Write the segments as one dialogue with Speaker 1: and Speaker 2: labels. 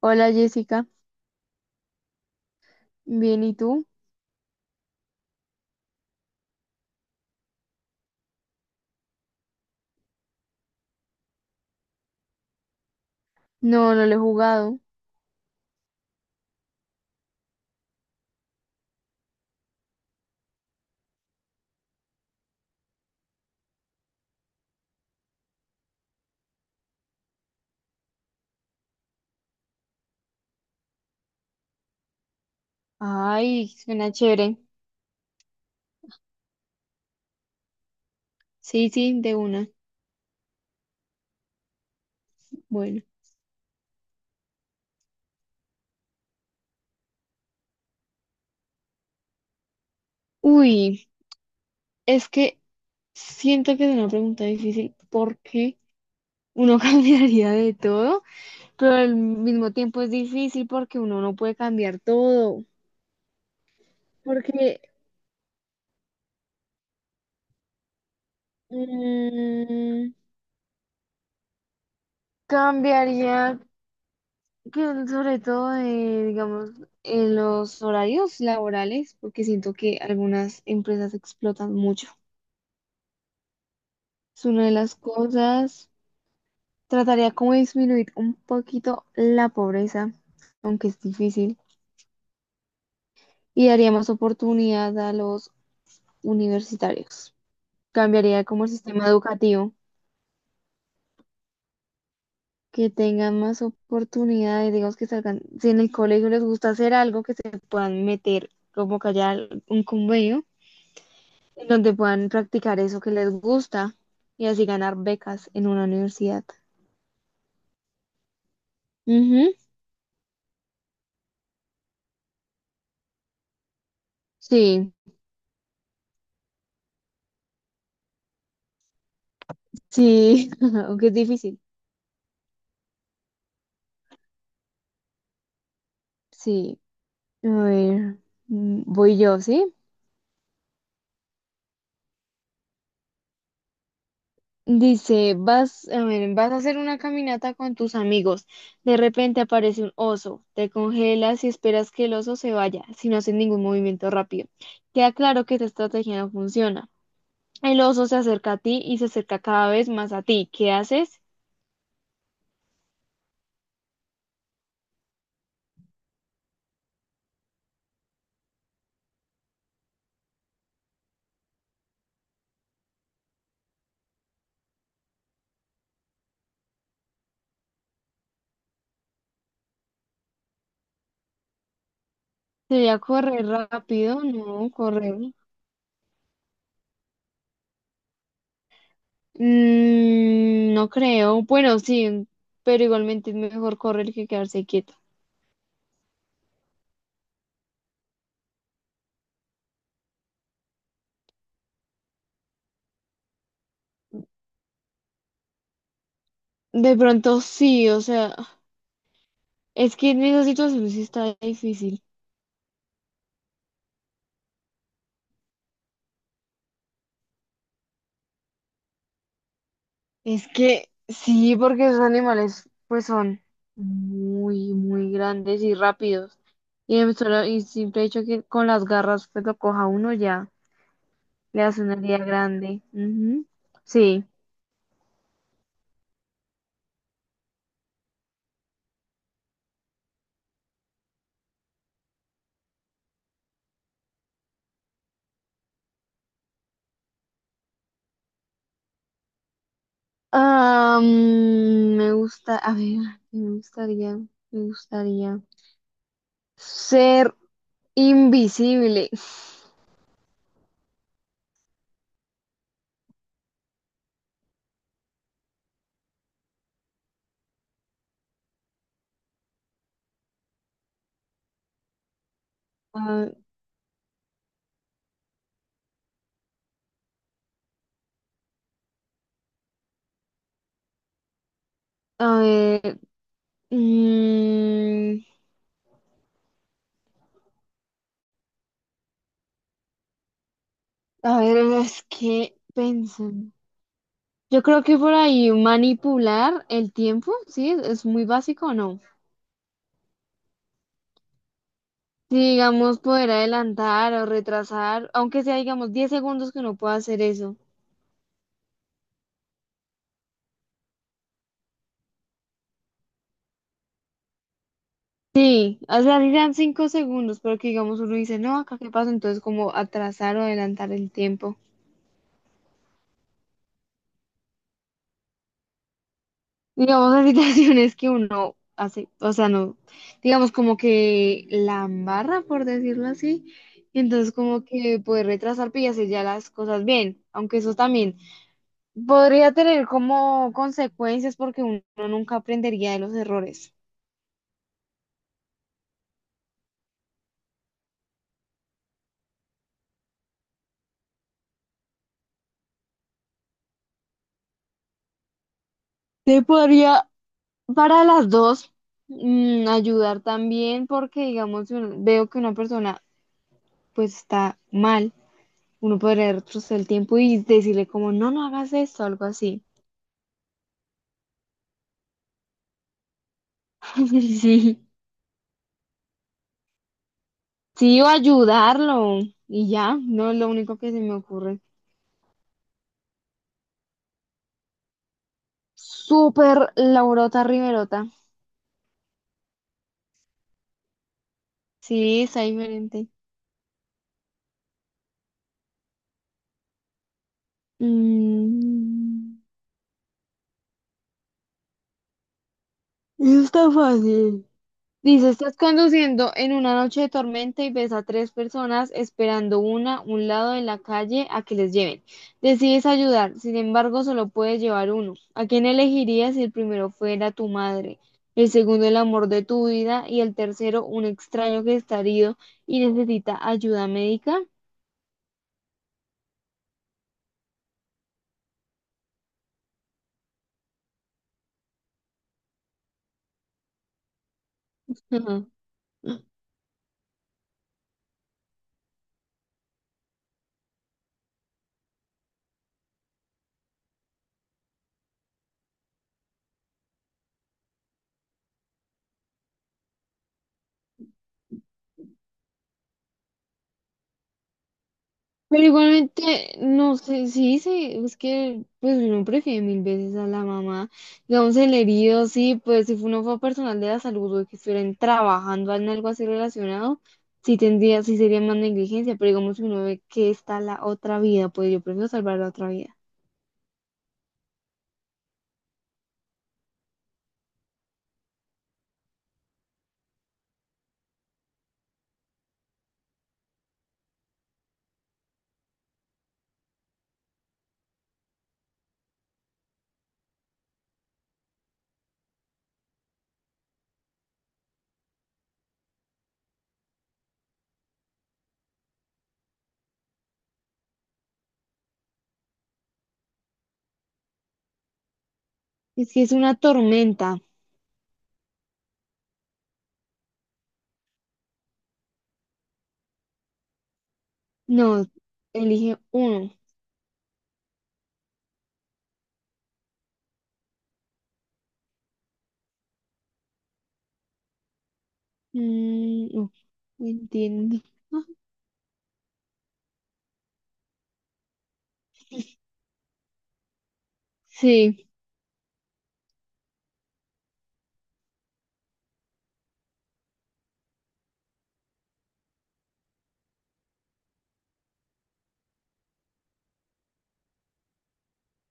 Speaker 1: Hola Jessica, bien, ¿y tú? No, no lo he jugado. Ay, suena chévere. Sí, sí, de una. Bueno. Uy, es que siento que es una pregunta difícil porque uno cambiaría de todo, pero al mismo tiempo es difícil porque uno no puede cambiar todo. Porque mm, cambiaría que, sobre todo, de, digamos, en los horarios laborales, porque siento que algunas empresas explotan mucho. Es una de las cosas. Trataría como de disminuir un poquito la pobreza, aunque es difícil, y daría más oportunidad a los universitarios. Cambiaría como el sistema educativo, que tengan más oportunidades, digamos que salgan, si en el colegio les gusta hacer algo, que se puedan meter, como que haya un convenio en donde puedan practicar eso que les gusta y así ganar becas en una universidad. Ujú, sí, sí, aunque es difícil, sí. A ver, voy yo, ¿sí? Dice, a ver, vas a hacer una caminata con tus amigos. De repente aparece un oso. Te congelas y esperas que el oso se vaya, sin hacer ningún movimiento rápido. Queda claro que esta estrategia no funciona. El oso se acerca a ti y se acerca cada vez más a ti. ¿Qué haces? ¿Sería correr rápido? No, correr. Mm, no creo. Bueno, sí, pero igualmente es mejor correr que quedarse quieto. De pronto sí, o sea. Es que en esa situación sí está difícil. Es que sí, porque esos animales pues son muy, muy grandes y rápidos. Y el solo, y simple hecho que con las garras pues lo coja uno ya, le hace una herida grande. Ujú. Sí. Ah, me gusta, a ver, me gustaría, me gustaría ser invisible. Ah, mm, A ver, es que pensan. Yo creo que por ahí manipular el tiempo, sí, es muy básico, ¿o no? Si digamos poder adelantar o retrasar, aunque sea digamos 10 segundos, que uno pueda hacer eso. Sí, o sea, dirán 5 segundos, pero que digamos uno dice, no, acá qué pasa, entonces como atrasar o adelantar el tiempo. Digamos, las situaciones que uno hace, o sea, no, digamos como que la embarra, por decirlo así, y entonces como que puede retrasar pues, y hacer ya las cosas bien, aunque eso también podría tener como consecuencias porque uno nunca aprendería de los errores. Te podría, para las dos, ayudar también porque, digamos, si uno- veo que una persona pues está mal, uno podría retroceder el tiempo y decirle como, no, no hagas esto, algo así. Sí. Sí, o ayudarlo. Y ya, no es lo único que se me ocurre. Súper Laurota Riverota. Sí, está diferente. Mm, Eso está fácil. Dice, estás conduciendo en una noche de tormenta y ves a tres personas esperando una a un lado de la calle a que les lleven. Decides ayudar, sin embargo, solo puedes llevar uno. ¿A quién elegirías si el primero fuera tu madre, el segundo el amor de tu vida y el tercero un extraño que está herido y necesita ayuda médica? Pero igualmente, no sé, sí, sí, es que pues uno prefiere mil veces a la mamá. Digamos, el herido, sí, pues si uno fue personal de la salud o que estuvieran trabajando en algo así relacionado, sí tendría, sí sería más negligencia, pero digamos, si uno ve que está la otra vida, pues yo prefiero salvar la otra vida. Es que es una tormenta. No, elige uno. No, no entiendo. Ah, sí.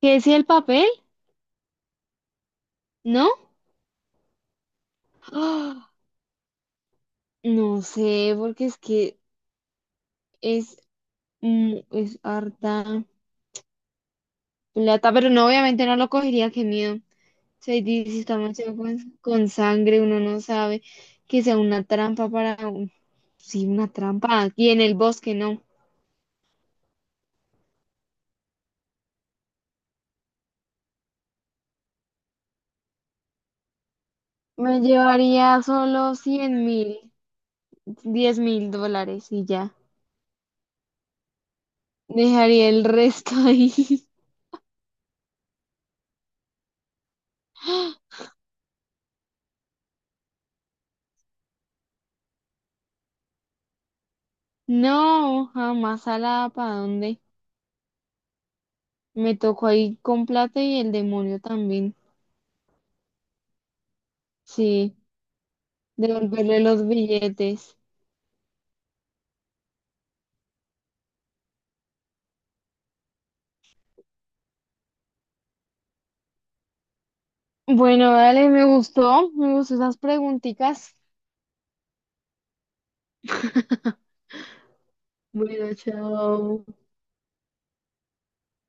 Speaker 1: ¿Qué decía el papel? ¿No? Ah, no sé, porque es que Es, es harta plata, pero no, obviamente no lo cogería, qué miedo. Se dice, si está manchado con, sangre, uno no sabe que sea una trampa para un... Sí, una trampa aquí en el bosque, no. Me llevaría solo 100.000, $10.000 y ya. Dejaría el resto ahí. No, jamás a la para dónde. Me tocó ahí con plata y el demonio también. Sí, devolverle los billetes. Bueno, dale, me gustó esas preguntitas. Bueno, chao.